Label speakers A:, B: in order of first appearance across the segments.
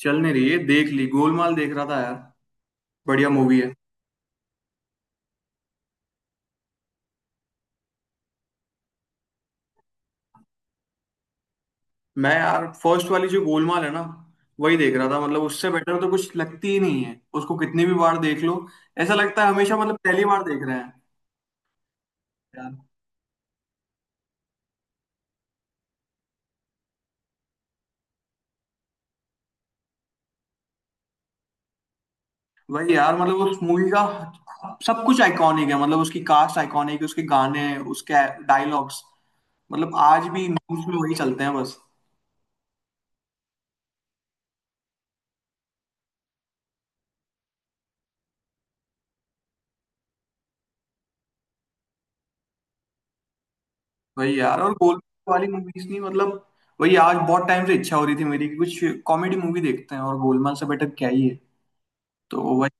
A: चल नहीं रही है, देख ली। गोलमाल देख रहा था यार, बढ़िया मूवी है। मैं यार फर्स्ट वाली जो गोलमाल है ना, वही देख रहा था। मतलब उससे बेटर तो कुछ लगती ही नहीं है, उसको कितनी भी बार देख लो, ऐसा लगता है हमेशा मतलब पहली बार देख रहे हैं यार। वही यार, मतलब उस मूवी का सब कुछ आइकॉनिक है। मतलब उसकी कास्ट आइकॉनिक है, उसके गाने, उसके डायलॉग्स, मतलब आज भी न्यूज में वही चलते हैं बस। वही यार, और गोलमाल वाली मूवीज नहीं, मतलब वही। आज बहुत टाइम से इच्छा हो रही थी मेरी कि कुछ कॉमेडी मूवी देखते हैं, और गोलमाल से बेटर क्या ही है, तो वही।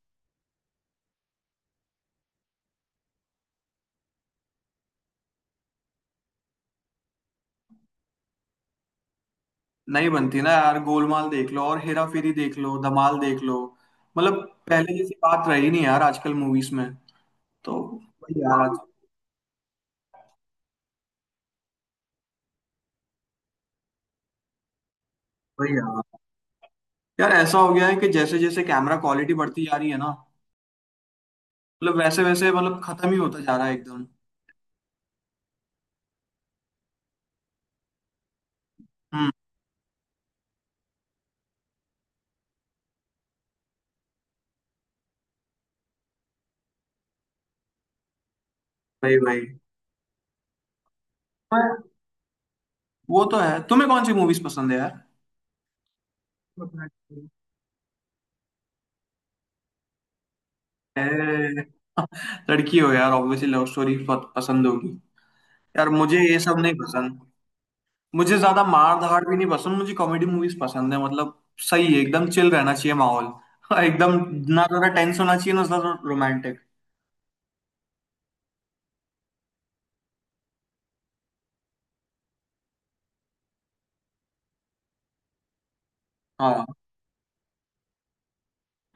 A: नहीं बनती ना यार। गोलमाल देख लो और हेरा फेरी देख लो, धमाल देख लो। मतलब पहले जैसी बात रही नहीं यार आजकल मूवीज में, तो वही यार। वही यार, यार ऐसा हो गया है कि जैसे जैसे कैमरा क्वालिटी बढ़ती जा रही है ना, मतलब वैसे वैसे मतलब खत्म ही होता जा रहा है एकदम। हम्म, वही वही। पर वो तो है, तुम्हें कौन सी मूवीज पसंद है यार? ए, लड़की हो यार, ऑब्वियसली लव स्टोरी पसंद होगी। यार मुझे ये सब नहीं पसंद। मुझे ज्यादा मार धाड़ भी नहीं पसंद, मुझे कॉमेडी मूवीज पसंद है मतलब। सही है, एकदम चिल रहना चाहिए माहौल। एकदम ना ज्यादा टेंस होना चाहिए ना ज्यादा रोमांटिक। हाँ।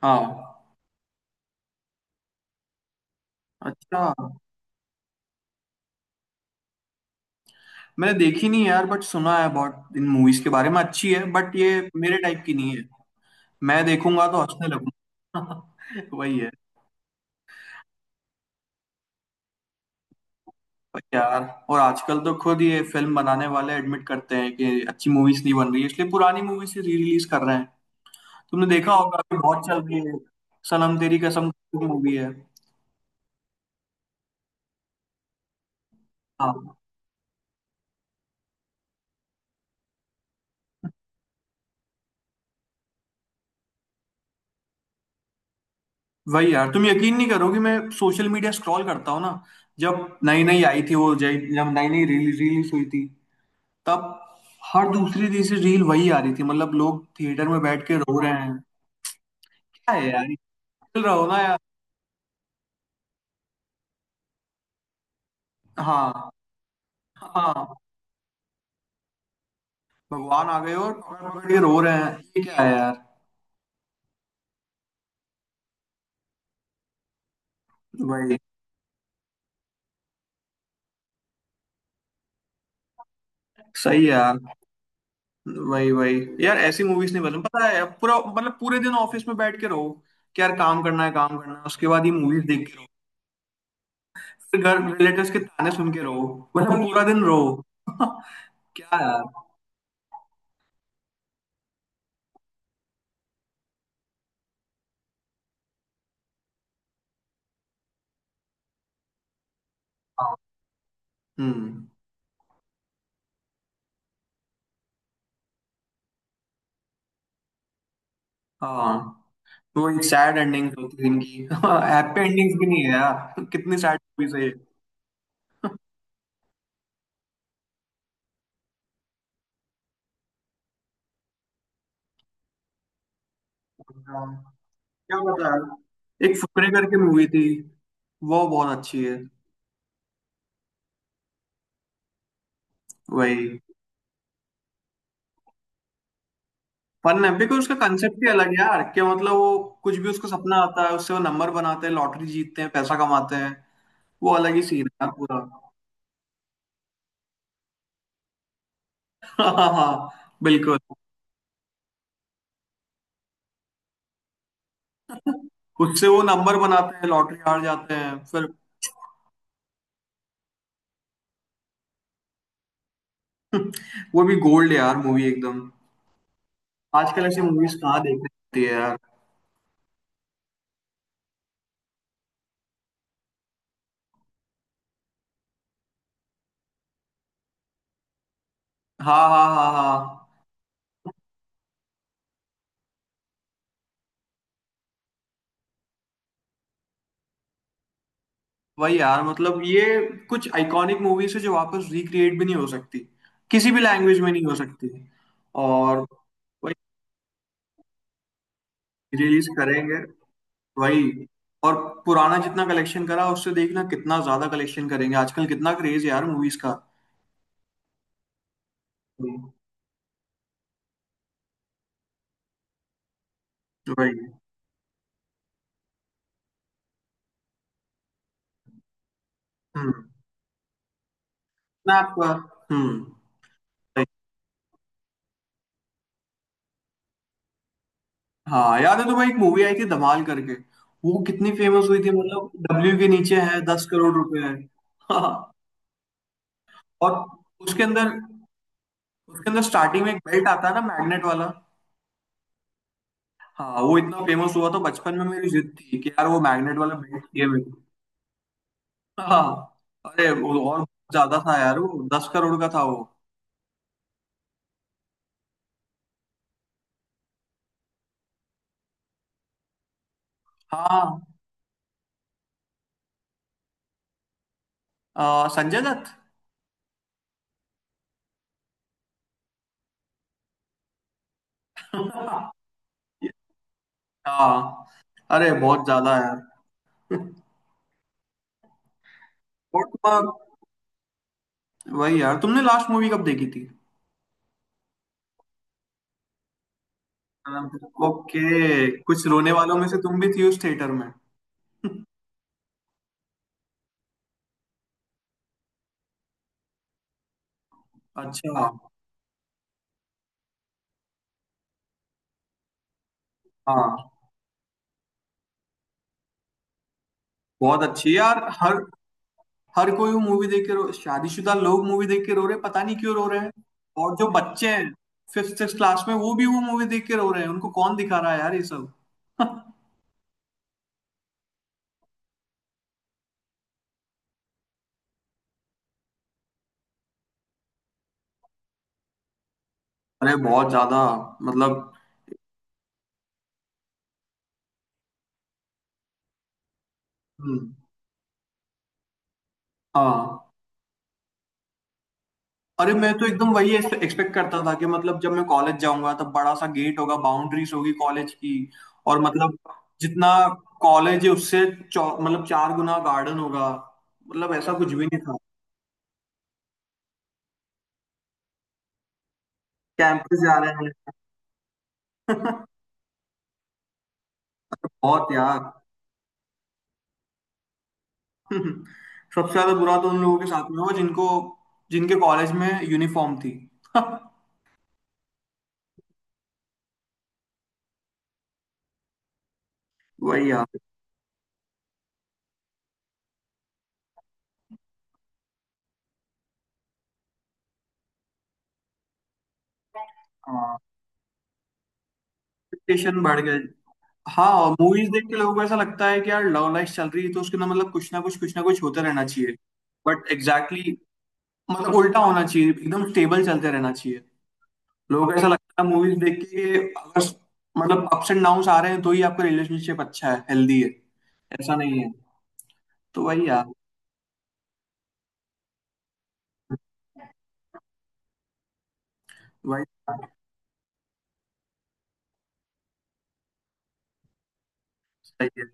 A: हाँ। अच्छा, मैंने देखी नहीं है यार, बट सुना है बहुत इन मूवीज के बारे में, अच्छी है बट ये मेरे टाइप की नहीं है। मैं देखूंगा तो हंसने लगूंगा। वही है। पर यार, और आजकल तो खुद ये फिल्म बनाने वाले एडमिट करते हैं कि अच्छी मूवीज नहीं बन रही है, इसलिए पुरानी मूवीज ही री रिलीज कर रहे हैं। तुमने देखा होगा, अभी बहुत चल रही है सनम तेरी कसम मूवी है। हाँ, वही यार। तुम यकीन नहीं करोगे, मैं सोशल मीडिया स्क्रॉल करता हूँ ना, जब नई नई आई थी वो, जय जब नई नई रिलीज रिलीज हुई थी, तब हर दूसरी तीसरी रील वही आ रही थी। मतलब लोग थिएटर में बैठ के रो रहे हैं। क्या है यार, खेल रहो ना यार। हाँ। हाँ, भगवान आ गए और पकड़ पकड़ के रो रहे हैं। ये क्या है यार। वही, सही है यार। वही वही यार, ऐसी मूवीज नहीं पसंद। पता है, पूरा मतलब पूरे दिन ऑफिस में बैठ के रहो कि यार काम करना है काम करना है, उसके बाद ये मूवीज देख के रहो, फिर घर रिलेटिव्स के ताने सुन के रहो, मतलब पूरा दिन रहो। क्या यार। हाँ। हम्म। हाँ, वो एक सैड एंडिंग होती है इनकी। हैप्पी एंडिंग्स भी नहीं है यार, कितनी सैड मूवीज है ये। क्या पता यार। एक फुकरे करके मूवी थी, वो बहुत अच्छी है। वही, फन है बिकॉज उसका कंसेप्ट ही अलग है यार। क्या मतलब वो, कुछ भी उसको सपना आता है, उससे वो नंबर बनाते हैं, लॉटरी जीतते हैं, पैसा कमाते हैं। वो अलग ही सीन है यार पूरा। हाँ हाँ हाँ, बिल्कुल। उससे वो नंबर बनाते हैं, लॉटरी हार जाते हैं फिर। वो भी गोल्ड यार, मूवी एकदम। आजकल ऐसी मूवीज कहाँ देखने मिलती है यार। हाँ हाँ हाँ हाँ। वही यार, मतलब ये कुछ आइकॉनिक मूवीज है जो वापस रिक्रिएट भी नहीं हो सकती, किसी भी लैंग्वेज में नहीं हो सकती। और वही, रिलीज करेंगे। वही, और पुराना जितना कलेक्शन करा, उससे देखना कितना ज्यादा कलेक्शन करेंगे। आजकल कितना क्रेज है यार मूवीज का। हम्म, वही। हम्म, मैं आपका। हम्म, वही। हाँ याद है तुम्हें, एक मूवी आई थी धमाल करके, वो कितनी फेमस हुई थी। मतलब डब्ल्यू के नीचे है 10 करोड़ रुपए है। हाँ, और उसके अंदर, उसके अंदर स्टार्टिंग में एक बेल्ट आता है ना, मैग्नेट वाला। हाँ, वो इतना फेमस हुआ तो बचपन में मेरी जिद थी कि यार वो मैग्नेट वाला बेल्ट चाहिए मेरे को। हाँ, अरे वो और बहुत ज्यादा था यार, वो 10 करोड़ का था वो। हाँ, संजय दत्त। हाँ, अरे बहुत ज्यादा यार। और तुम्हारा, वही यार, तुमने लास्ट मूवी कब देखी थी? ओके, कुछ रोने वालों में से तुम भी थी उस थिएटर में। अच्छा। हाँ बहुत अच्छी यार। हर हर कोई मूवी देख के रो, शादीशुदा लोग मूवी देख के रो रहे हैं, पता नहीं क्यों रो रहे हैं। और जो बच्चे हैं, फिफ्थ सिक्स क्लास में, वो भी वो मूवी देख के रो रहे हैं, उनको कौन दिखा रहा है यार ये सब। अरे बहुत ज्यादा मतलब। हम्म, हाँ। अरे मैं तो एकदम वही एक्सपेक्ट करता था कि मतलब जब मैं कॉलेज जाऊंगा, तब बड़ा सा गेट होगा, बाउंड्रीज होगी कॉलेज की, और मतलब जितना कॉलेज है, उससे मतलब चार गुना गार्डन होगा। मतलब ऐसा कुछ भी नहीं था, कैंपस जा रहे हैं। बहुत यार। सबसे ज्यादा बुरा तो उन लोगों के साथ में हुआ, जिनको, जिनके कॉलेज में यूनिफॉर्म थी। वही यार। हाँ, expectation बढ़ गए। हाँ, मूवीज देख के लोगों को ऐसा लगता है कि यार लव लाइफ चल रही है तो उसके अंदर मतलब कुछ ना कुछ होता रहना चाहिए। बट एग्जैक्टली मतलब उल्टा होना चाहिए, एकदम स्टेबल चलते रहना चाहिए। लोगों को ऐसा लगता है मूवीज देख के अगर मतलब अप्स एंड डाउन्स आ रहे हैं तो ही आपका रिलेशनशिप अच्छा है, हेल्दी है। ऐसा नहीं है। तो वही यार, वही। सही है।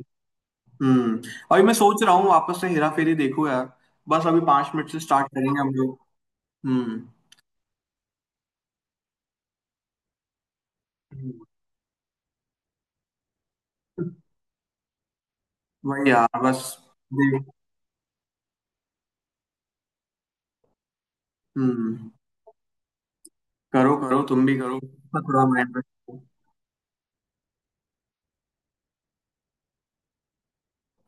A: हम्म, अभी मैं सोच रहा हूँ वापस से हेरा फेरी देखो यार, बस अभी 5 मिनट से स्टार्ट करेंगे हम लोग। हम्म, वही यार बस। देख। हम्म। करो करो, तुम भी करो अपना थोड़ा माइंड।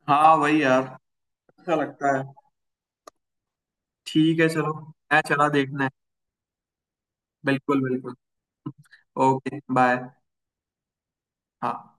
A: हाँ वही यार, अच्छा लगता है। ठीक है चलो, मैं चला, देखना है। बिल्कुल बिल्कुल। Okay bye. हाँ।